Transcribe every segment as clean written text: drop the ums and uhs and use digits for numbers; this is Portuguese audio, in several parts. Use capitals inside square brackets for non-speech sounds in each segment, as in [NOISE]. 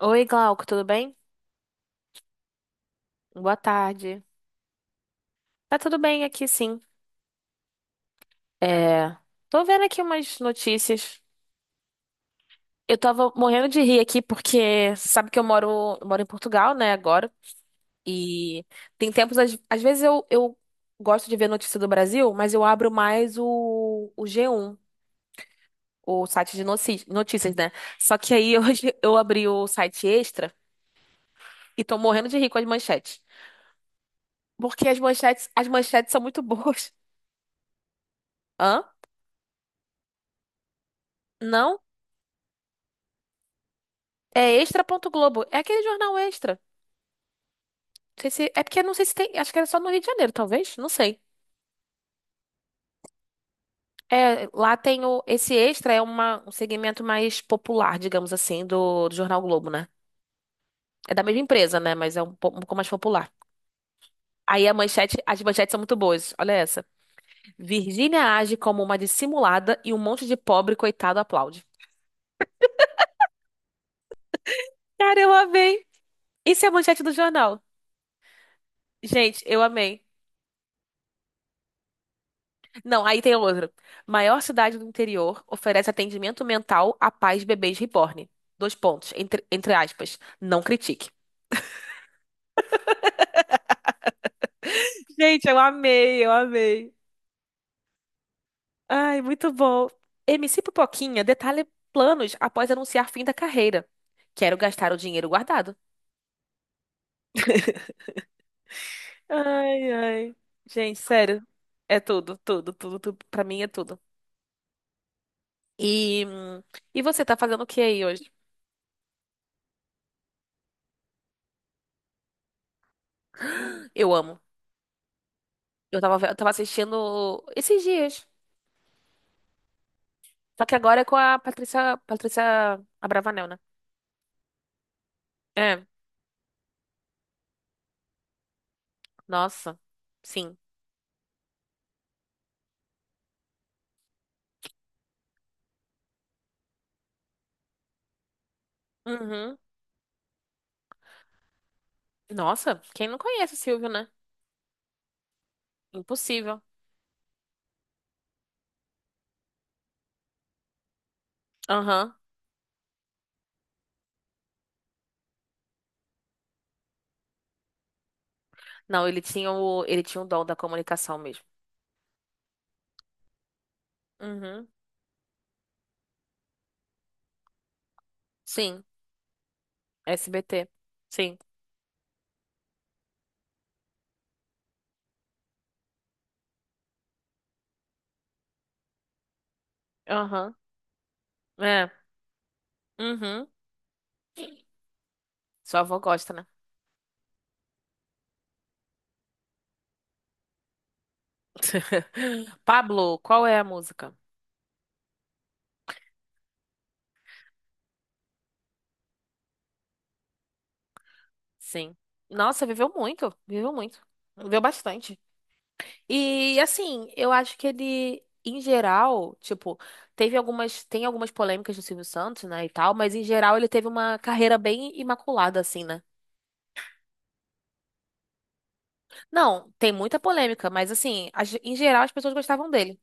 Oi, Glauco, tudo bem? Boa tarde. Tá tudo bem aqui, sim. É, tô vendo aqui umas notícias. Eu tava morrendo de rir aqui porque sabe que eu moro em Portugal, né, agora. E tem tempos, às vezes eu gosto de ver notícia do Brasil, mas eu abro mais o g um, o site de notícias, né? Só que aí [LAUGHS] hoje eu abri o site Extra e tô morrendo de rir com as manchetes. Porque as manchetes são muito boas. Hã? Não? É extra.globo. É aquele jornal Extra. Não sei se, é porque não sei se tem. Acho que era só no Rio de Janeiro, talvez. Não sei. É, lá tem o. Esse Extra é um segmento mais popular, digamos assim, do Jornal Globo, né? É da mesma empresa, né? Mas é um, um pouco mais popular. Aí a manchete, as manchetes são muito boas. Olha essa. Virgínia age como uma dissimulada e um monte de pobre coitado aplaude. Cara, eu amei. Isso é a manchete do jornal. Gente, eu amei. Não, aí tem outra. Maior cidade do interior oferece atendimento mental a pais de bebês reborn. Dois pontos, entre aspas. Não critique. Gente, eu amei, eu amei. Ai, muito bom. MC Pipoquinha detalha planos após anunciar fim da carreira. Quero gastar o dinheiro guardado. Ai, ai. Gente, sério. É tudo, tudo, tudo, tudo. Pra mim é tudo. E, hum, e você tá fazendo o que aí hoje? Eu amo. Eu tava assistindo esses dias. Só que agora é com a Patrícia, Patrícia Abravanel, né? É, nossa, sim. Uhum. Nossa, quem não conhece o Silvio, né? Impossível. Aham. Não, ele tinha o dom da comunicação mesmo. Uhum. Sim, SBT. Sim. Aham. É. Uhum. Sua avó gosta, né? [LAUGHS] Pablo, qual é a música? Sim. Nossa, viveu muito, viveu muito. Viveu bastante. E assim, eu acho que ele, em geral, tipo, tem algumas polêmicas do Silvio Santos, né, e tal, mas em geral ele teve uma carreira bem imaculada, assim, né? Não, tem muita polêmica, mas assim, em geral as pessoas gostavam dele,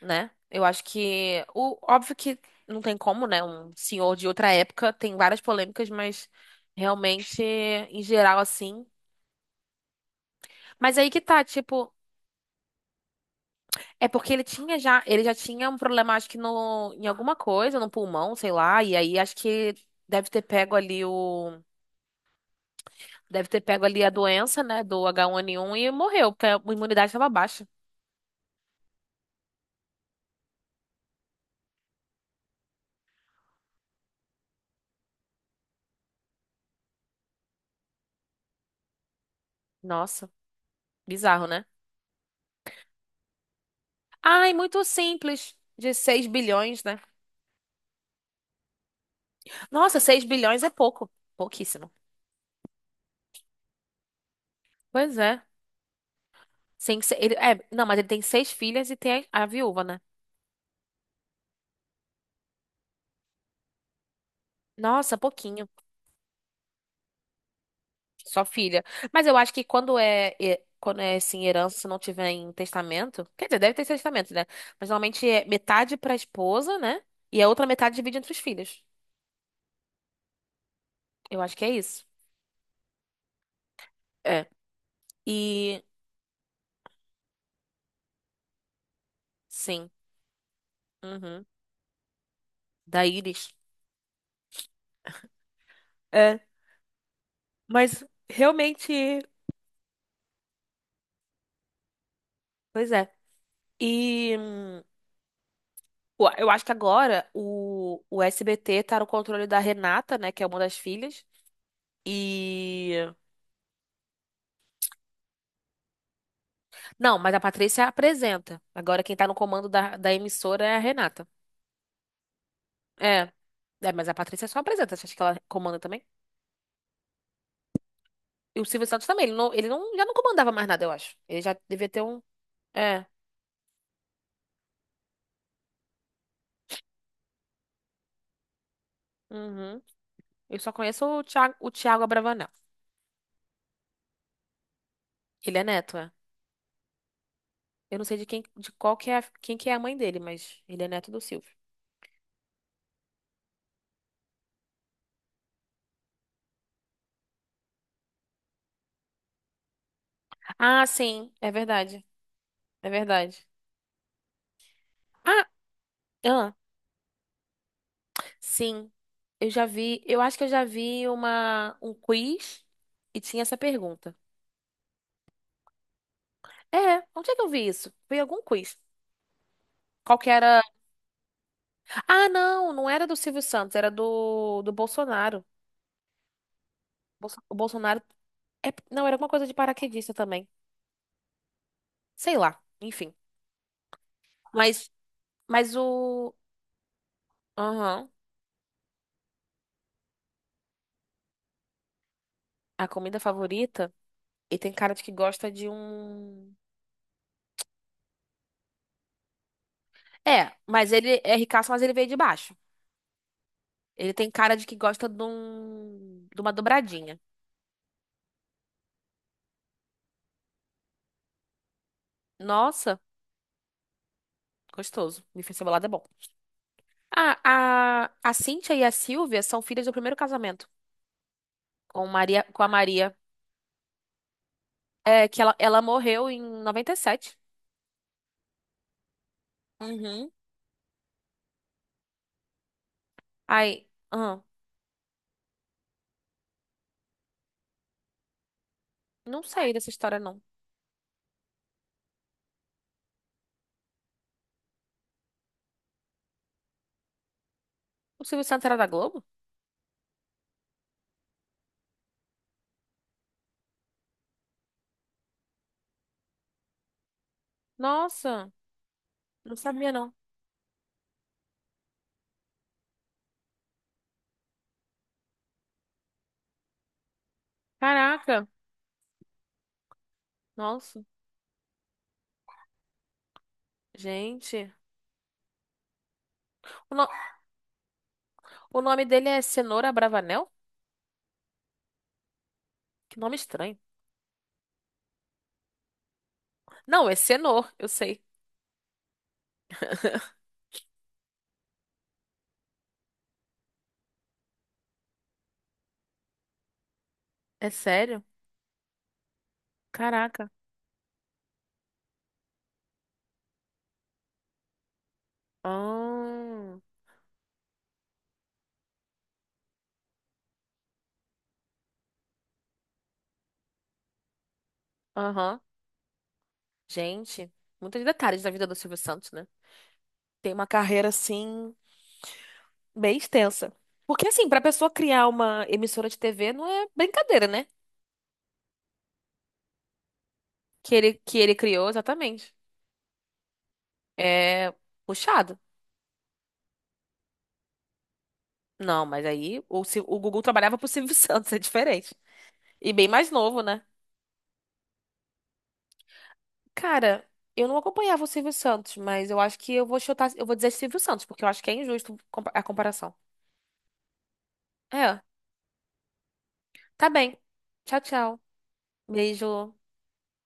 né? Eu acho que, o, óbvio que não tem como, né? Um senhor de outra época tem várias polêmicas, mas realmente, em geral, assim. Mas aí que tá, tipo. É porque ele tinha já, ele já tinha um problema, acho que no, em alguma coisa, no pulmão, sei lá, e aí acho que deve ter pego ali o, deve ter pego ali a doença, né, do H1N1 e morreu, porque a imunidade estava baixa. Nossa, bizarro, né? Ai, muito simples, de 6 bilhões, né? Nossa, 6 bilhões é pouco, pouquíssimo. Pois é. Sim, ele, é, não, mas ele tem seis filhas e tem a viúva, né? Nossa, pouquinho. Só filha. Mas eu acho que quando é assim, herança, se não tiver em testamento, quer dizer, deve ter testamento, né? Mas normalmente é metade pra esposa, né? E a outra metade divide entre os filhos. Eu acho que é isso. É. E sim. Uhum. Da Iris. É. Mas realmente. Pois é. E ué, eu acho que agora o SBT tá no controle da Renata, né? Que é uma das filhas. E. Não, mas a Patrícia apresenta. Agora quem tá no comando da emissora é a Renata. É, é, mas a Patrícia só apresenta. Você acha que ela comanda também? E o Silvio Santos também. Ele não, já não comandava mais nada, eu acho. Ele já devia ter um. É. Uhum. Eu só conheço o Thiago Abravanel. Ele é neto, é. Eu não sei de quem, de qual que é, quem que é a mãe dele, mas ele é neto do Silvio. Ah, sim, é verdade. É verdade. Ah, ah, sim. Eu já vi, eu acho que eu já vi um quiz e tinha essa pergunta. É, onde é que eu vi isso? Foi em algum quiz. Qual que era? Ah, não, não era do Silvio Santos, era do Bolsonaro. O Bolsonaro. Não, era alguma coisa de paraquedista também. Sei lá, enfim. Mas, mas o. Aham. A comida favorita. Ele tem cara de que gosta de um. É, mas ele é ricaço, mas ele veio de baixo. Ele tem cara de que gosta de um. De uma dobradinha. Nossa, gostoso. Bife cebolado é bom. Ah, a Cíntia e a Silvia são filhas do primeiro casamento com a Maria. É que ela morreu em 97. Uhum. Ai, ah, não sei dessa história, não. O Silvio Santos era da Globo? Nossa, não sabia, não. Caraca, nossa, gente. O, o nome dele é Cenoura Bravanel? Que nome estranho. Não, é Cenor, eu sei. [LAUGHS] É sério? Caraca. Ah, aham. Gente, muitos detalhes da vida do Silvio Santos, né? Tem uma carreira assim bem extensa. Porque assim, pra pessoa criar uma emissora de TV não é brincadeira, né? Que ele criou, exatamente. É puxado. Não, mas aí o, o Gugu trabalhava pro Silvio [LAUGHS] Santos, é diferente. E bem mais novo, né? Cara, eu não acompanhava o Silvio Santos, mas eu acho que eu vou chutar, eu vou dizer Silvio Santos, porque eu acho que é injusto a comparação. É, tá bem. Tchau, tchau. Beijo.